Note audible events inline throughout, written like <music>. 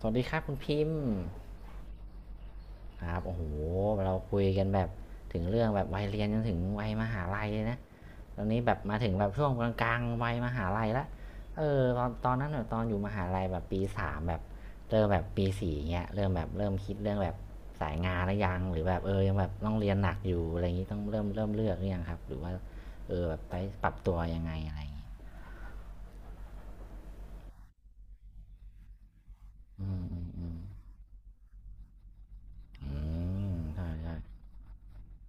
สวัสดีครับคุณพิมพ์ครับโอ้โหเราคุยกันแบบถึงเรื่องแบบวัยเรียนจนถึงวัยมหาลัยเลยนะตอนนี้แบบมาถึงแบบช่วงกลางๆวัยมหาลัยละเออตอนนั้นแบบตอนอยู่มหาลัยแบบปีสามแบบเริ่มแบบปีสี่เงี้ยเริ่มแบบเริ่มคิดเรื่องแบบสายงานหรือยังหรือแบบเออยังแบบต้องเรียนหนักอยู่อะไรอย่างงี้ต้องเริ่มเลือกหรือยังครับหรือว่าเออแบบไปปรับตัวยังไงอะไรอย่างงี้อืมอืมอืมอืมใช่ใช่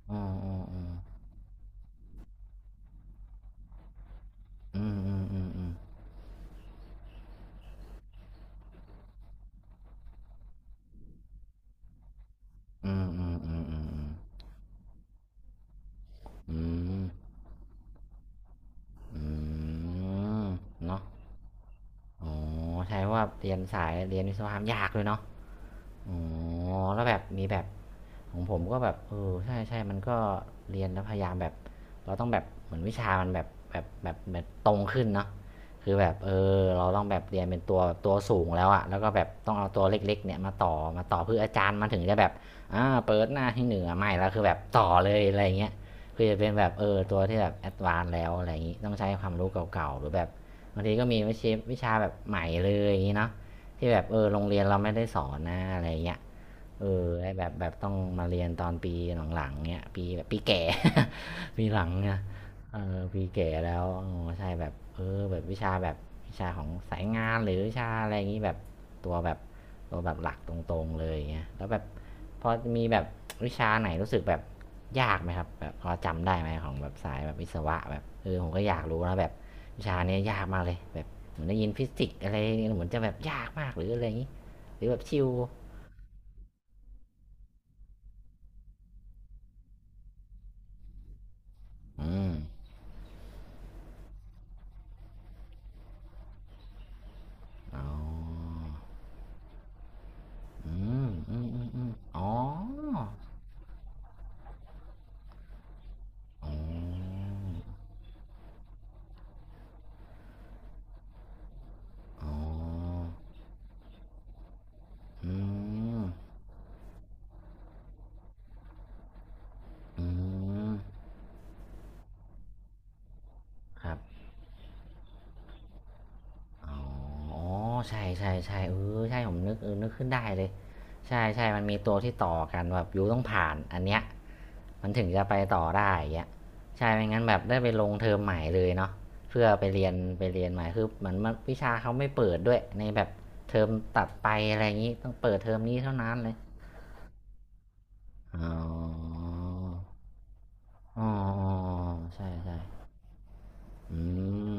อืมอืมอืมอืมอืมอืมอืม อืมอืมอืมอืมอืมอืมอืมเนาะอ๋อใช่ว่าเรียนสายเรียนวิศวกรรมยากเลยเนาะอ๋อแล้วแบบมีแบบ ของผมก็แบบเออใช่ใช่มันก็เรียนแล้วพยายามแบบเราต้องแบบเหมือนวิชามันแบบตรงขึ้นเนาะคือแบบเออเราต้องแบบเรียนเป็นตัวสูงแล้วอะแล้วก็แบบต้องเอาตัวเล็กๆเนี่ยมาต่อเพื่ออาจารย์มาถึงจะแบบอ่าเปิดหน้าที่หนึ่งอะไม่แล้วคือแบบต่อเลยอะไรเงี้ยคือจะเป็นแบบเออตัวที่แบบแอดวานซ์แล้วอะไรอย่างงี้ต้องใช้ความรู้เก่าๆหรือแบบบางทีก็มีวิชาแบบใหม่เลยอย่างงี้เนาะที่แบบเออโรงเรียนเราไม่ได้สอนนะอะไรเงี้ย เออไอแบบต้องมาเรียนตอนปีหลังๆเนี้ยปีแบบปีแก่ <laughs> ปีหลังเนี่ยเออปีแก่แล้วอ๋อใช่แบบเออแบบวิชาแบบวิชาของสายงานหรือวิชาอะไรอย่างนี้แบบตัวแบบตัวแบบหลักตรงๆเลยเงี้ยแล้วแบบพอมีแบบวิชาไหนรู้สึกแบบยากไหมครับแบบพอจำได้ไหมของแบบสายแบบวิศวะแบบเออผมก็อยากรู้นะแบบวิชาเนี้ยยากมากเลยแบบเหมือนได้ยินฟิสิกส์อะไรเหมือนจะแบบยากมากหรืออะไรอย่างนี้หรือแบบชิวอืม อ๋ออือืมอ๋ออ๋ออ๋ออืมอืมครับ อ๋อ ใช่ใช่ใช่เออใช่ผมนึกเออนึกขึ้นได้เลยใช่ใช่มันมีตัวที่ต่อกันแบบยูต้องผ่าน อันเนี้ยมันถึงจะไปต่อได้อย่างเงี้ยใช่ไม่งั้นแบบได้ไปลงเทอมใหม่เลยเนาะเพื่อไปเรียน ไปเรียนใหม่คือเหมือนมันวิชาเขาไม่เปิดด้วยในแบบเทอมตัดไปอะไรอย่างงี้ต้องเปิดเทอมนี้เท่านั้นเลย อ๋ออ๋อใช่ใช่อื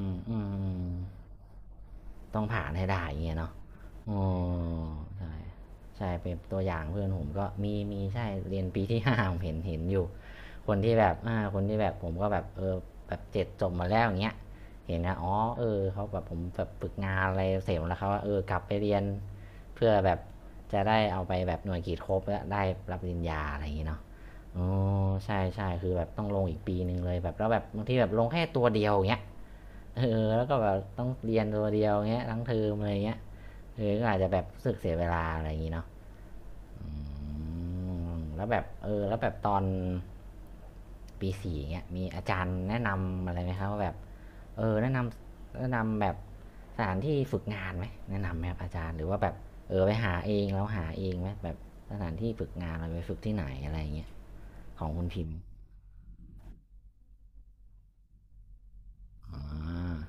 มอืม ต้องผ่านให้ได้าเงี้ยเนาะอ๋อใช่ใช่เป็นตัวอย่างเพื่อนผมก็มีใช่เรียนปีที่ <laughs> ห้าผมเห็นอยู่คนที่แบบอ่าคนที่แบบผมก็แบบเออแบบเจ็ดจบมาแล้วอย่างเงี้ยเห็นนะอ๋อเออ เขาแบบผมแบบฝึกงานอะไรเสร็จแล้วเขาว่าเออกลับไปเรียนเพื่อแบบจะได้เอาไปแบบหน่วยกิจครบแล้วได้รับปริญญาอะไรอย่างเงี้ยเนาะอ๋อใช่ใช่คือแบบต้องลงอีกปีหนึ่งเลยแบบแล้วแบบบางทีแบบลงแค่ตัวเดียวอย่างเงี้ย เออแล้วก็แบบต้องเรียนตัวเดียวเงี้ยทั้งเทอมอะไรเงี้ยเออก็อาจจะแบบรู้สึกเสียเวลาอะไรอย่างงี้เนาะมแล้วแบบเออแล้วแบบตอนปีสี่เงี้ยมีอาจารย์แนะนำอะไรไหมครับว่าแบบเออแนะนำแบบสถานที่ฝึกงานไหมแนะนำไหมครับอาจารย์หรือว่าแบบเออไปหาเองแล้วหาเองไหมแบบสถานที่ฝึกงานเราไปฝึกที่ไหนอะไรอย่างเงี้ยของคุณพิมพ์อ่า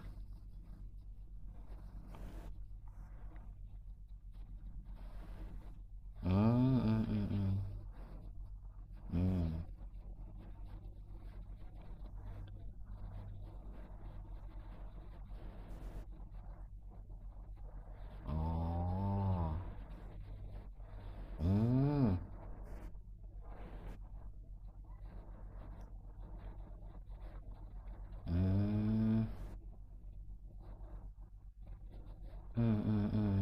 อืมอืมอืมอืมอืมอ๋อ อืม อืม อืม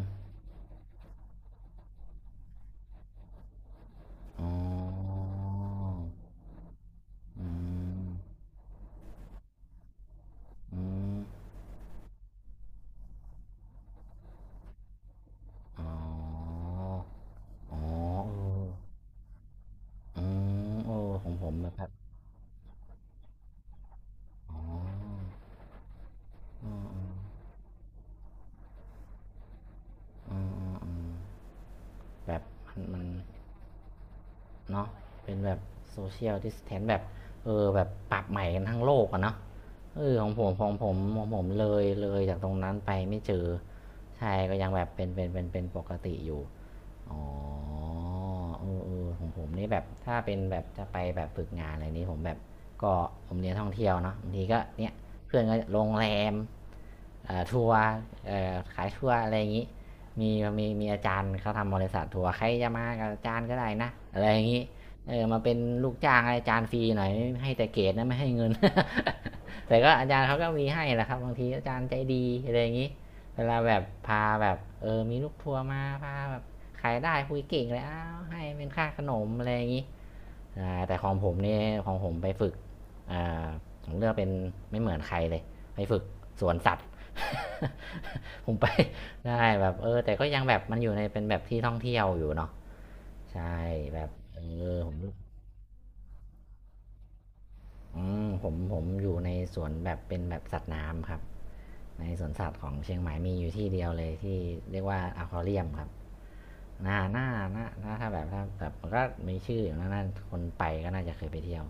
อ๋ออืมอืมอ๋ออ๋อเอออืมเออของผมนะครับอ๋ออืมอืมอืมอืมแบบมันเนาะเป็นแบบโซเชียลดิสแทนแบบเออแบบปรับใหม่กันทั้งโลกอะเนาะเออของผมเลยเลยจากตรงนั้นไปไม่เจอใช่ก็ยังแบบเป็นเป็นปกติอยู่ อ๋อเออเออของผมนี่แบบถ้าเป็นแบบจะไปแบบฝึกงานอะไรนี้ผมแบบก็ผมเรียนท่องเที่ยวเนาะบางทีก็เนี่ยเพื่อนก็โรงแรม อทัวร์่อขายทัวร์อะไรอย่างนี้มีมีอาจารย์เขาทำบริษัททัวร์ใครจะมากับอาจารย์ก็ได้นะอะไรอย่างนี้เออมาเป็นลูกจ้างอาจารย์ฟรีหน่อยให้แต่เกรดนะไม่ให้เงิน <laughs> แต่ก็อาจารย์เขาก็มีให้แหละครับบางทีอาจารย์ใจดีอะไรอย่างนี้เวลาแบบพาแบบมีลูกทัวร์มาพาแบบขายได้คุยเก่งเลยอ้าวให้เป็นค่าขนมอะไรอย่างนี้ แต่ของผมนี่ของผมไปฝึกผมเลือกเป็นไม่เหมือนใครเลยไปฝึกสวนสัตว์ <laughs> ผมไปได้แบบแต่ก็ยังแบบมันอยู่ในเป็นแบบที่ท่องเที่ยวอยู่เนาะใช่แบบผมอืมผมอยู่ในสวนแบบเป็นแบบสัตว์น้ำครับในสวนสัตว์ของเชียงใหม่มีอยู่ที่เดียวเลยที่เรียกว่าอควาเรียมครับน่าน่าน่าถ้าแบบถ้าแบบมันก็มีชื่ออยู่นะน่าคนไปก็น่าจะเคยไปเที่ยว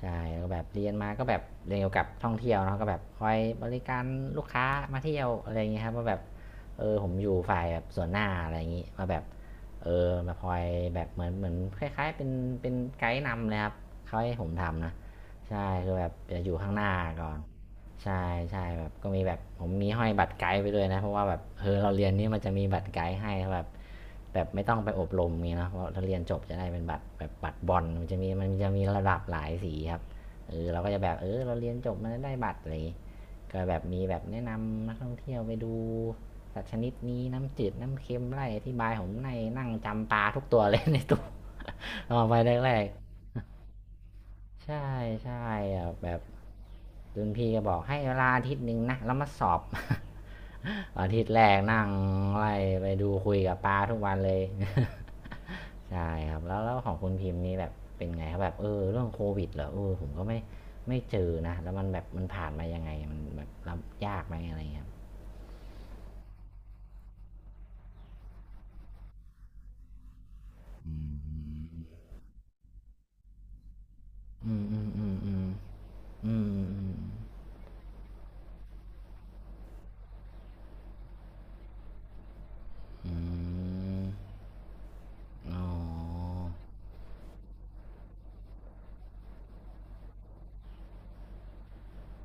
ใช่ก็แบบเรียนมาก็แบบเรียนเกี่ยวกับท่องเที่ยวเนาะก็แบบคอยบริการลูกค้ามาเที่ยวอะไรอย่างเงี้ยครับว่าแบบผมอยู่ฝ่ายแบบส่วนหน้าอะไรอย่างงี้มาแบบมาคอยแบบเหมือนคล้ายๆเป็นไกด์นำเลยครับเขาให้ผมทำนะใช่คือแบบจะอยู่ข้างหน้าก่อน ใช่ใช่แบบก็มีแบบผมมีห้อยบัตรไกด์ไปด้วยนะเพราะว่าแบบเราเรียนนี่มันจะมีบัตรไกด์ให้แบบแบบไม่ต้องไปอบรมไงเนาะเพราะถ้าเรียนจบจะได้เป็นบัตรแบบบัตรบอลมันจะมีระดับหลายสีครับเราก็จะแบบเราเรียนจบมันได้บัตรอะไรก็แบบมีแบบแนะนำนักท่องเที่ยวไปดูสัตว์ชนิดนี้น้ำจืดน้ำเค็มไล่อธิบายผมในนั่งจำปลาทุกตัวเลย <laughs> ในตู้ <laughs> เอาไปแรกๆ ใช่ใช่อะแบบรุ่นพี่ก็บอกให้เวลาอาทิตย์หนึ่งนะแล้วมาสอบ <laughs> อาทิตย์แรกนั่งไล่ไปดูคุยกับปลาทุกวันเลย <laughs> ใช่ครับแล้วของคุณพิมพ์นี่แบบเป็นไงครับแบบเรื่องโควิดเหรอผมก็ไม่เจอนะแล้วมันแบบมันผ่านมายังไงมันแบบรับยากไหมอะไรเงี้ยอืมอืมอืมอืมอืมอืมอืมอืมอ๋อ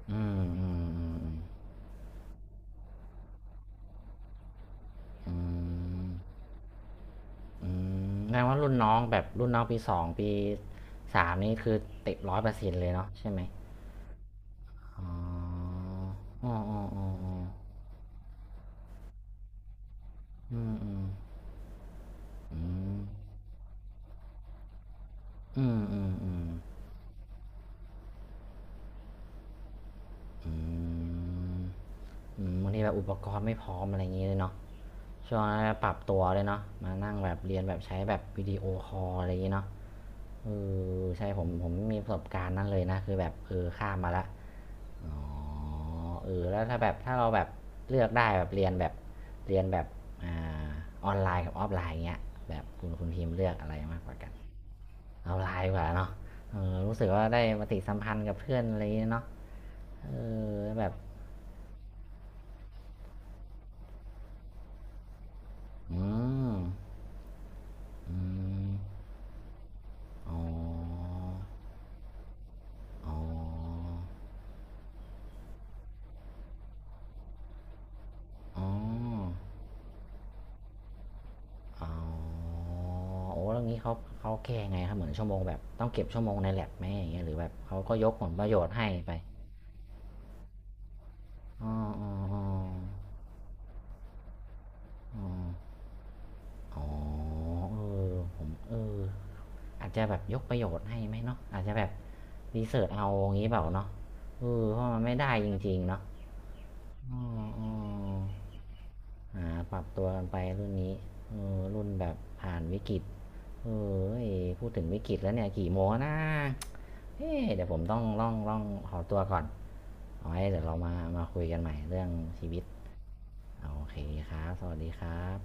อืมอืมอืมอืม อืมอืแปลว่ารุ่นน้องแบบรุ่นน้องปีสองปีสามนี่คือติดร้อยเปอร์เซ็นต์เลยเนาะใช่ไหมอ๋ออ๋ออืมอืมอืมอืมอืมอืมอืมบางทีแบบอุปกรณ์ไม่พร้อมอะไรอย่างเงี้ยเลยเนาะช่วงนั้นปรับตัวเลยเนาะมานั่งแบบเรียนแบบใช้แบบวิดีโอคอลอะไรอย่างเงี้ยเนาะเอใช่ผมไม่มีประสบการณ์นั้นเลยนะคือแบบข้ามมาละ อ๋อแล้วถ้าแบบถ้าเราแบบเลือกได้แบบเรียนแบบเรียนแบบอ่าออนไลน์กับออฟไลน์เงี้ยแบบคุณพิมพ์เลือกอะไรมากกว่ากันออนไลน์ดีกว่าเนาะรู้สึกว่าได้ปฏิสัมพันธ์กับเพื่อนอะไรอย่างเงี้ยเนาะเอแล้วแบบอืมอืมอ๋ออ๋ออ๋ออ๋อโอ้แล้วงี้เขาแก้ไงครับเหมือนชั่วโมงแบบต้องเก็บชั่วโมงในแลบไหมอย่างเงี้ยหรือแบบเขาก็ยกผลประโยชน์ให้ไป อ๋ออ๋ออ๋ออ๋ออ๋อผมอาจจะแบบยกประโยชน์ให้ไหมเนาะอาจจะแบบรีเสิร์ชเอาอย่างนี้เปล่าเนาะเพราะมันไม่ได้จริงๆ เนาะอ๋ออ๋อหาปรับตัวกันไปรุ่นนี้รุ่นแบบผ่านวิกฤตเอเอ้ยพูดถึงวิกฤตแล้วเนี่ยกี่โมงแล้วนะเอ๊ะเดี๋ยวผมต้องล่องขอตัวก่อนเอาไว้เดี๋ยวเรามาคุยกันใหม่เรื่องชีวิตโอเคครับสวัสดีครับ